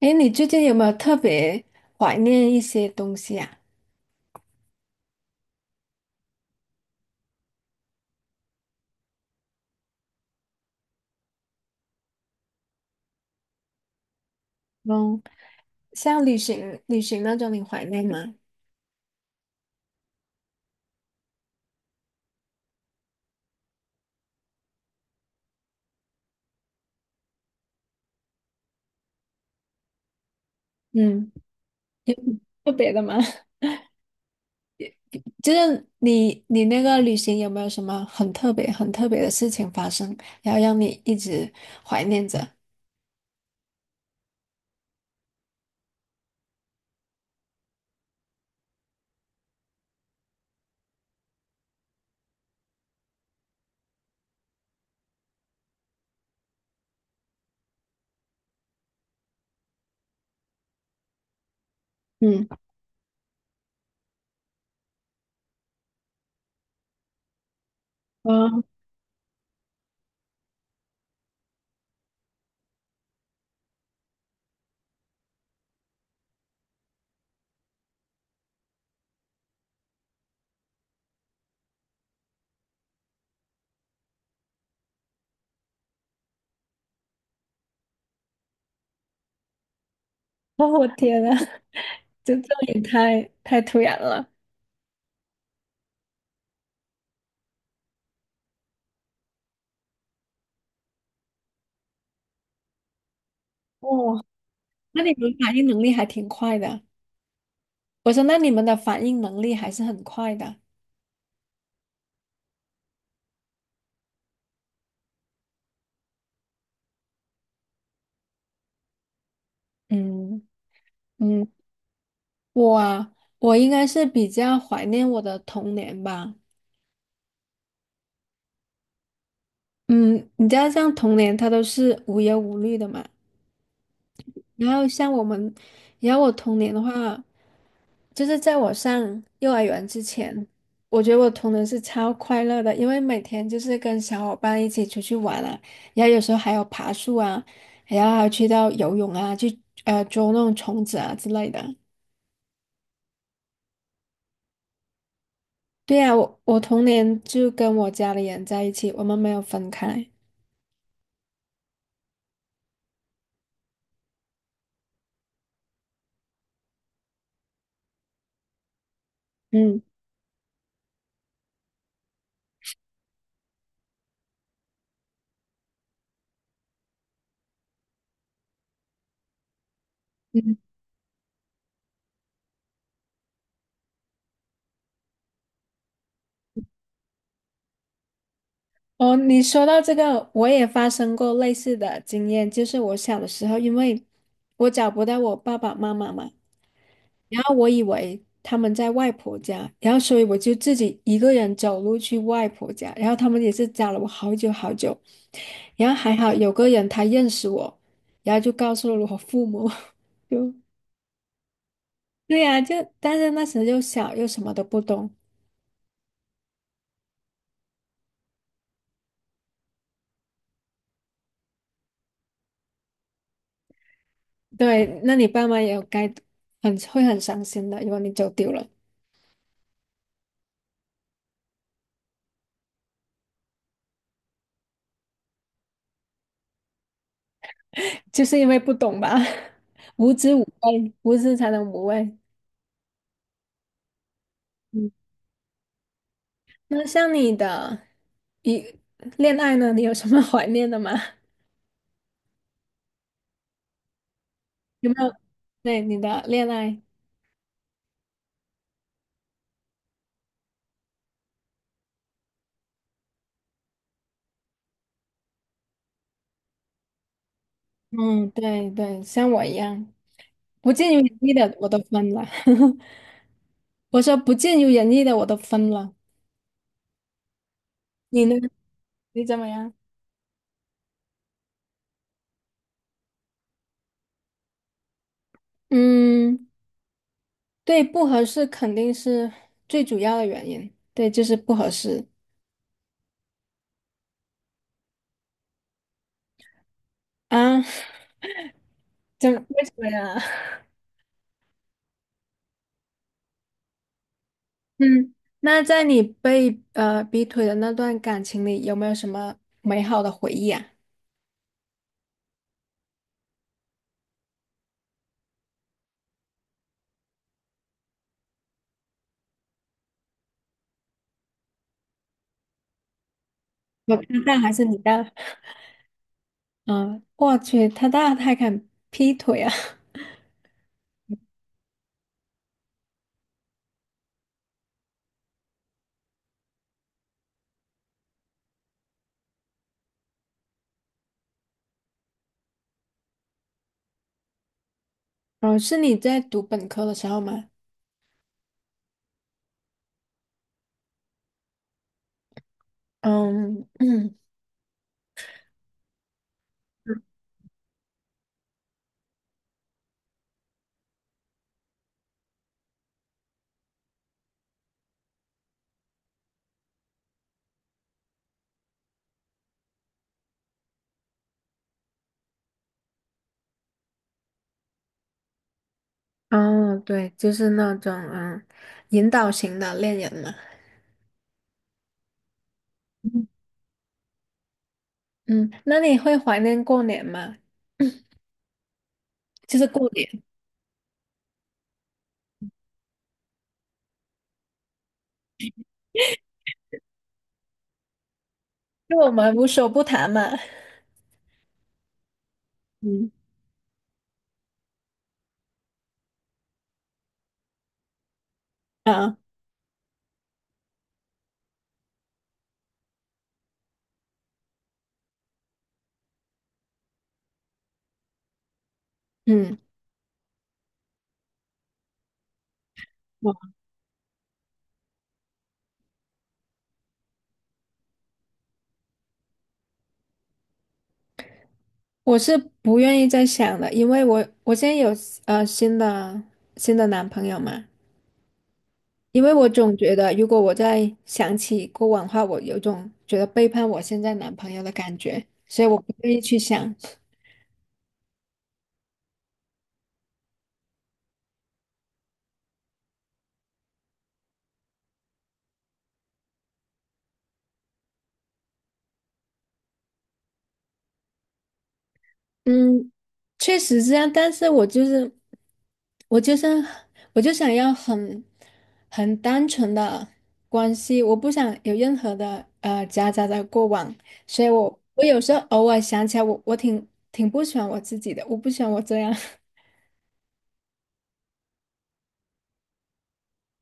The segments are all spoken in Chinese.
哎，你最近有没有特别怀念一些东西啊？嗯，像旅行，那种你怀念吗？嗯，有特别的吗？就是你那个旅行有没有什么很特别、的事情发生，然后让你一直怀念着？嗯，啊，哦，我天呐，这这也太突然了。哇！那你们反应能力还挺快的。我说，那你们的反应能力还是很快的。嗯嗯，我啊，我应该是比较怀念我的童年吧。嗯，你知道，像童年它都是无忧无虑的嘛。然后像我们，然后我童年的话。就是在我上幼儿园之前，我觉得我童年是超快乐的，因为每天就是跟小伙伴一起出去玩啊，然后有时候还有爬树啊，然后还有去到游泳啊，去捉那种虫子啊之类的。对呀，我童年就跟我家里人在一起，我们没有分开。嗯嗯。哦，你说到这个，我也发生过类似的经验，就是我小的时候，因为我找不到我爸爸妈妈嘛。然后我以为他们在外婆家，然后所以我就自己一个人走路去外婆家，然后他们也是找了我好久好久，然后还好有个人他认识我，然后就告诉了我父母，就对呀。但是那时候又小又什么都不懂，对，那你爸妈也很会很伤心的，如果你走丢了，就是因为不懂吧，无知无畏，无知才能无畏。嗯那像你的一恋爱呢，你有什么 怀念的吗？有没有对你的恋爱？嗯，对，像我一样，不尽如人意的我都分了。我说不尽如人意的我都分了。你呢？你怎么样？嗯，对，不合适肯定是最主要的原因。对，就是不合适啊。怎么为什么呀？嗯，那在你被逼退的那段感情里，有没有什么美好的回忆啊？他大还是你大？嗯，我去，他大他还敢劈腿啊！哦，是你在读本科的时候吗？嗯嗯，哦，对，就是那种嗯，引导型的恋人嘛。嗯，嗯那你会怀念过年吗？就是过年，就我们无所不谈嘛。嗯啊，嗯，我我是不愿意再想了，因为我现在有新的男朋友嘛，因为我总觉得，如果我再想起过往的话，我有种觉得背叛我现在男朋友的感觉，所以我不愿意去想。嗯，确实是这样，但是我就是，我就想要很单纯的关系，我不想有任何的夹杂的过往，所以我有时候偶尔想起来我，我挺不喜欢我自己的，我不喜欢我这样。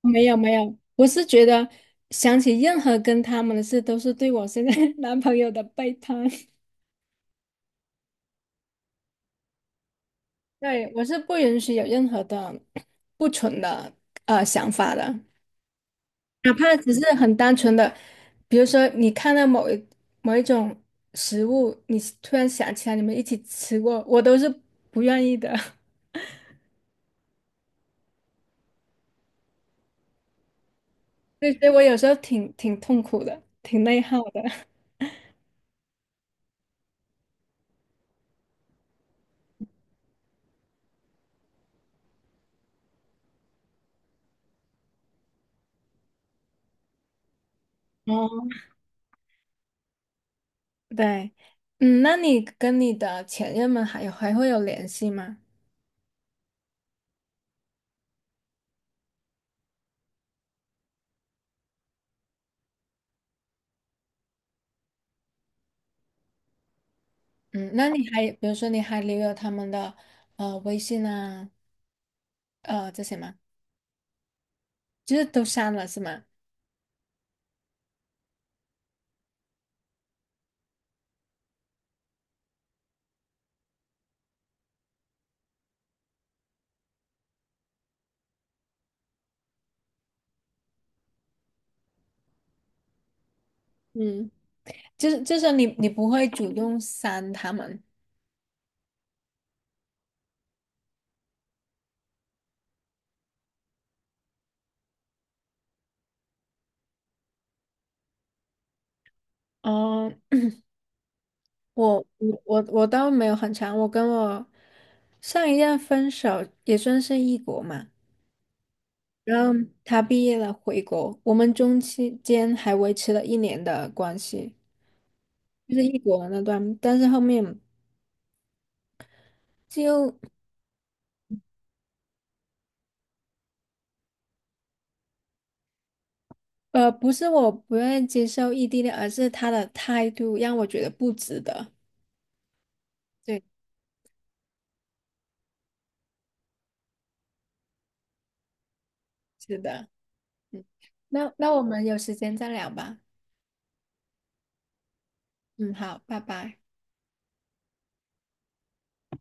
没有没有，我是觉得想起任何跟他们的事，都是对我现在 男朋友的背叛。对，我是不允许有任何的不纯的想法的，哪怕只是很单纯的，比如说你看到某一种食物，你突然想起来你们一起吃过，我都是不愿意的。对，所以我有时候挺痛苦的，挺内耗的。哦，对，嗯，那你跟你的前任们还会有联系吗？嗯，那你还比如说你还留有他们的微信啊，这些吗？就是都删了是吗？嗯，就是你不会主动删他们。嗯，我倒没有很长，我跟我上一任分手也算是异国嘛，然后他毕业了回国，我们中期间还维持了1年的关系，就是异国那段，但是后面。就。呃，不是我不愿意接受异地恋，而是他的态度让我觉得不值得。对，是的，嗯，那那我们有时间再聊吧。嗯，好，拜拜。